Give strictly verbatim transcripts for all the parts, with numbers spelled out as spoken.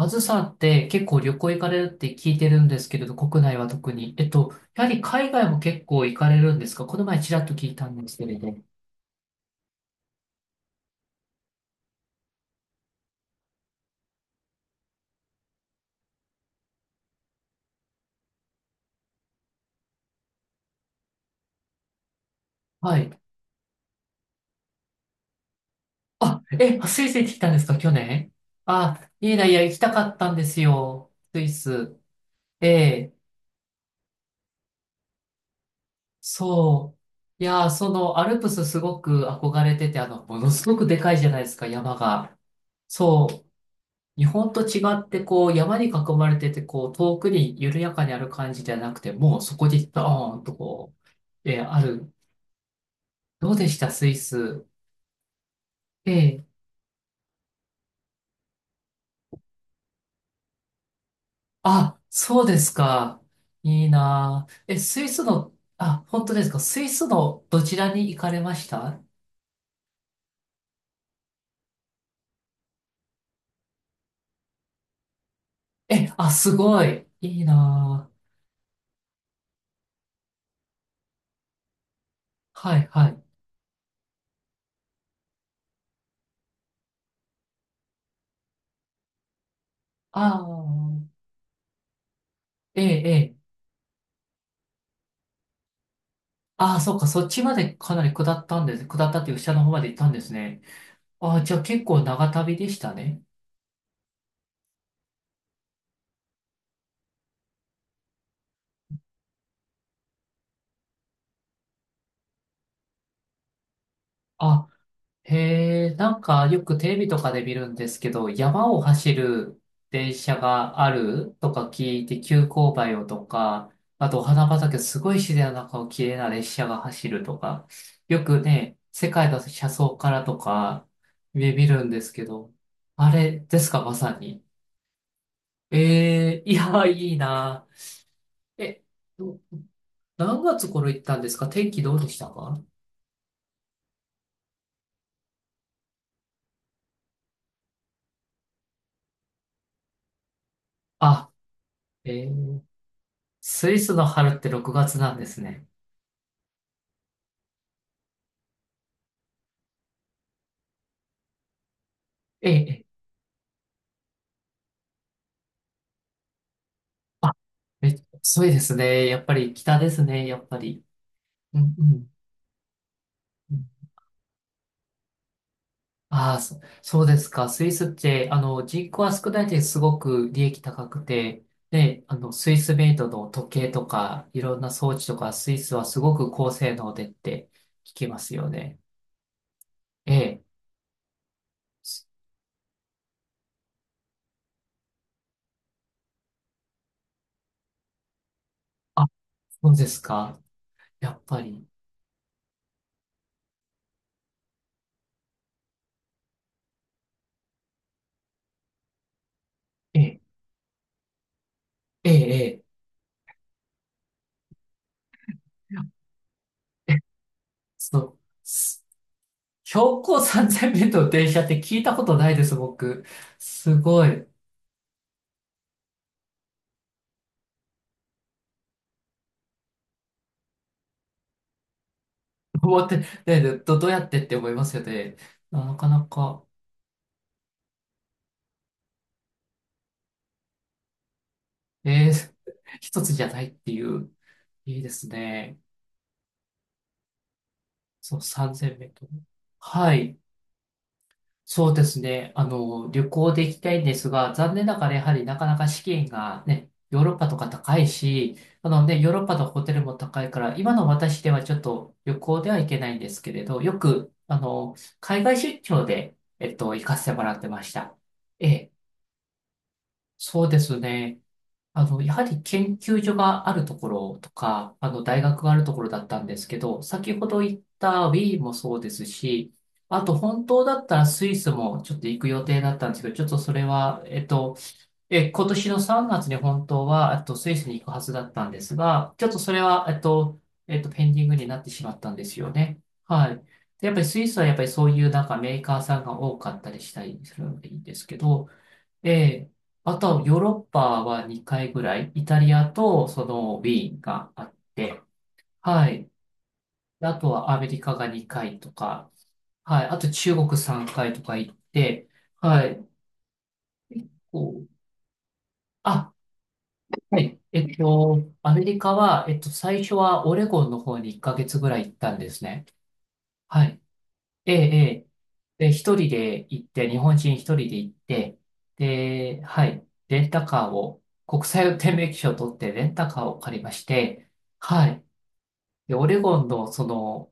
あずさんって結構旅行行かれるって聞いてるんですけれど、国内は特に。えっと、やはり海外も結構行かれるんですか？この前ちらっと聞いたんですけれど。はい。あ、え、スイス行ってきたんですか？去年？あ、いいな、いや、行きたかったんですよ。スイス。ええ、そう。いやー、その、アルプスすごく憧れてて、あの、ものすごくでかいじゃないですか、山が。そう。日本と違って、こう、山に囲まれてて、こう、遠くに緩やかにある感じじゃなくて、もうそこにドーンとこう、えーある。どうでした、スイス。ええ。あ、そうですか。いいなあ。え、スイスの、あ、本当ですか。スイスのどちらに行かれました？え、あ、すごい。いいなあ。はい、はい。ああ、ええ、ええ。ああ、そっか。そっちまでかなり下ったんです。下ったっていう下の方まで行ったんですね。ああ、じゃあ結構長旅でしたね。あ、へえ、なんかよくテレビとかで見るんですけど、山を走る電車があるとか聞いて、急勾配をとか、あとお花畑、すごい自然の中を綺麗な列車が走るとか、よくね、世界の車窓からとか見見るんですけど、あれですか、まさに。ええ、いや、いいな。え、何月頃行ったんですか？天気どうでしたか？あ、えースイスの春ってろくがつなんですね。ええ、ええあ、めっちゃ強いですね。やっぱり北ですね、やっぱり。うん、うん。うん、ああ、そ、そうですか。スイスって、あの、人口は少ないですごく利益高くて、で、あの、スイスメイドの時計とか、いろんな装置とか、スイスはすごく高性能でって聞きますよね。ええ。あ、そうですか。やっぱり。ええ、ええ、ええ。え、その、す標高さんぜんメートルの電車って聞いたことないです、僕。すごい。思って、ねで、ど、どうやってって思いますよね。ななかなか、えー、一つじゃないっていう、いいですね。そう、さんぜんメートル。はい。そうですね。あの、旅行で行きたいんですが、残念ながらやはりなかなか資金がね、ヨーロッパとか高いし、あのね、ヨーロッパのホテルも高いから、今の私ではちょっと旅行では行けないんですけれど、よく、あの、海外出張で、えっと、行かせてもらってました。ええ、そうですね。あの、やはり研究所があるところとか、あの、大学があるところだったんですけど、先ほど言った Wii もそうですし、あと本当だったらスイスもちょっと行く予定だったんですけど、ちょっとそれは、えっと、え、今年のさんがつに本当は、えっと、スイスに行くはずだったんですが、ちょっとそれは、えっと、えっと、ペンディングになってしまったんですよね。はい。でやっぱりスイスはやっぱりそういうなんかメーカーさんが多かったりしたりするのでいいんですけど、ええ、あと、ヨーロッパはにかいぐらい、イタリアとそのウィーンがあって、はい。であとはアメリカがにかいとか、はい。あと中国さんかいとか行って、はい。結構、あ、はい。えっと、アメリカは、えっと、最初はオレゴンの方にいっかげつぐらい行ったんですね。はい。ええ、ええ。で、一人で行って、日本人一人で行って、で、はい、レンタカーを、国際運転免許証を取ってレンタカーを借りまして、はい、で、オレゴンの、その、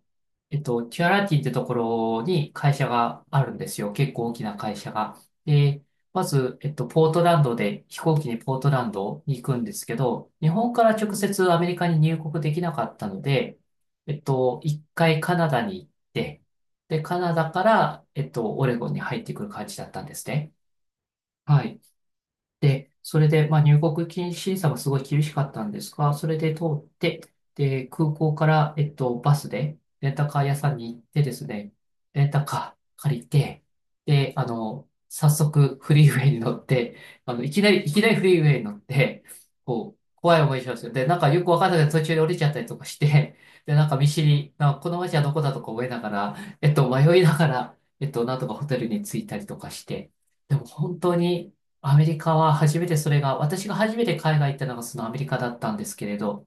えっと、キュアラティってところに会社があるんですよ。結構大きな会社が。で、まず、えっと、ポートランドで、飛行機にポートランドに行くんですけど、日本から直接アメリカに入国できなかったので、えっと、いっかいカナダに行って、で、カナダから、えっと、オレゴンに入ってくる感じだったんですね。はい。で、それで、まあ、入国禁止さがすごい厳しかったんですが、それで通って、で、空港から、えっと、バスで、レンタカー屋さんに行ってですね、レンタカー借りて、で、あの、早速フリーウェイに乗って、あの、いきなり、いきなりフリーウェイに乗って、こう、怖い思いしますよ。で、なんかよくわかんないけど途中で降りちゃったりとかして、で、なんか見知り、なんかこの街はどこだとか覚えながら、えっと、迷いながら、えっと、なんとかホテルに着いたりとかして、でも本当に、アメリカは初めてそれが、私が初めて海外行ったのがそのアメリカだったんですけれど、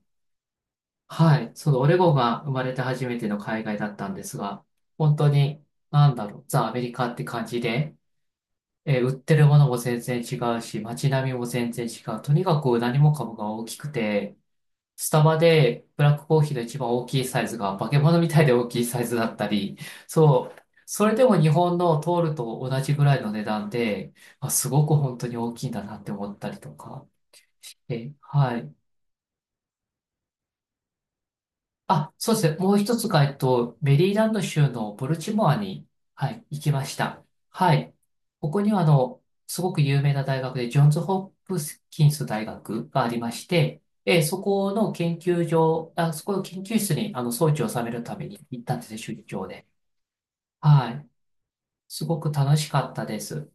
はい、そのオレゴンが生まれて初めての海外だったんですが、本当に、なんだろう、ザ・アメリカって感じで、えー売ってるものも全然違うし、街並みも全然違う。とにかく何もかもが大きくて、スタバでブラックコーヒーの一番大きいサイズが化け物みたいで大きいサイズだったり、そう、それでも日本の通ると同じぐらいの値段で、まあ、すごく本当に大きいんだなって思ったりとか。え、はい。あ、そうですね。もう一つが、えっと、メリーランド州のボルチモアに、はい、行きました。はい。ここには、あの、すごく有名な大学で、ジョンズ・ホップキンス大学がありまして、えー、そこの研究所、あ、そこの研究室に、あの、装置を収めるために行ったんですね、出張で。はい。すごく楽しかったです。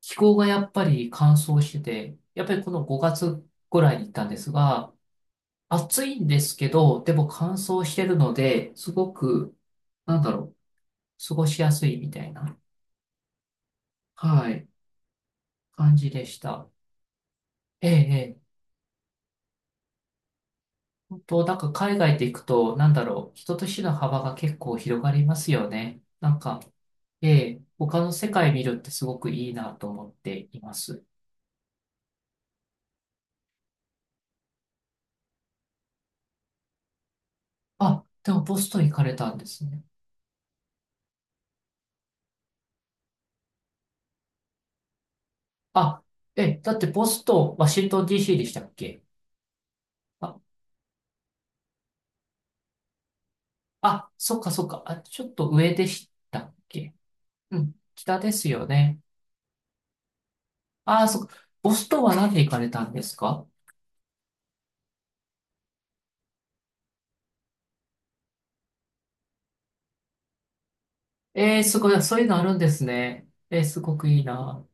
気候がやっぱり乾燥してて、やっぱりこのごがつぐらいに行ったんですが、暑いんですけど、でも乾燥してるので、すごく、なんだろう、過ごしやすいみたいな、はい、感じでした。ええ、ええ。本当、なんか海外で行くと、なんだろう、人と死の幅が結構広がりますよね。なんか、ええ、他の世界見るってすごくいいなと思っています。あ、でもボストン行かれたんですね。あ、えだってボストン、ワシントン ディーシー でしたっけ？あ、あ、そっかそっか、あ、ちょっと上でしたっけ？うん、北ですよね。ああ、そっか。ボストンは何で行かれたんですか？ええー、すごい、そういうのあるんですね。えー、すごくいいな。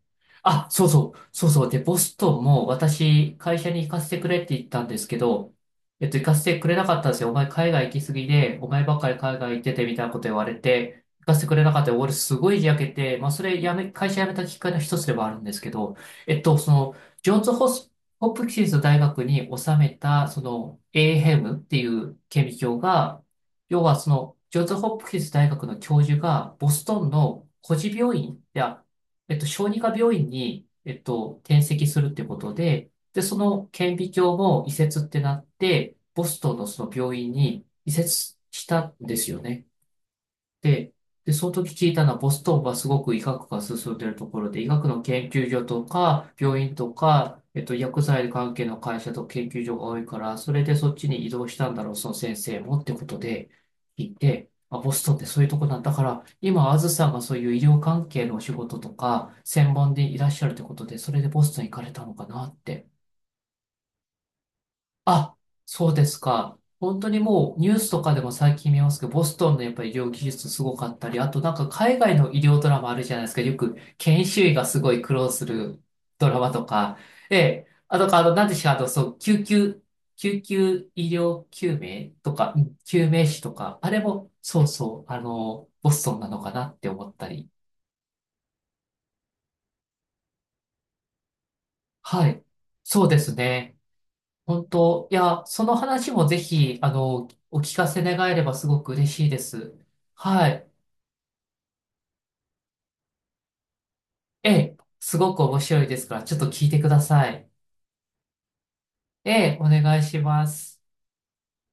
あ、そうそう、そうそう。で、ボストンも私、会社に行かせてくれって言ったんですけど、えっと、行かせてくれなかったんですよ。お前海外行きすぎで、お前ばっかり海外行っててみたいなこと言われて、行かせてくれなかったよ。俺すごい焼けて、まあ、それやめ、会社辞めたきっかけの一つではあるんですけど、えっと、その、ジョンズホス・ホプキンス大学に収めた、その、エーヘムっていう顕微鏡が、要はその、ジョンズ・ホプキンス大学の教授が、ボストンの孤児病院、いや、えっと、小児科病院に、えっと、転籍するってことで、で、その顕微鏡も移設ってなって、ボストンのその病院に移設したんですよね。で、で、その時聞いたのは、ボストンはすごく医学が進んでいるところで、医学の研究所とか、病院とか、えっと、薬剤関係の会社と研究所が多いから、それでそっちに移動したんだろう、その先生もってことで聞いて、あ、ボストンってそういうとこなんだから、今、あずさんがそういう医療関係のお仕事とか、専門でいらっしゃるってことで、それでボストン行かれたのかなって。あ、そうですか。本当にもうニュースとかでも最近見ますけど、ボストンのやっぱり医療技術すごかったり、あとなんか海外の医療ドラマあるじゃないですか。よく研修医がすごい苦労するドラマとか。ええ。あとか、あの、なんでしょう、あの、そう、救急、救急医療救命とか、うん救命士とか、あれも、そうそう、あの、ボストンなのかなって思ったり。はい。そうですね。本当、いや、その話もぜひ、あの、お聞かせ願えればすごく嬉しいです。はい。ええ、すごく面白いですから、ちょっと聞いてください。ええ、お願いします。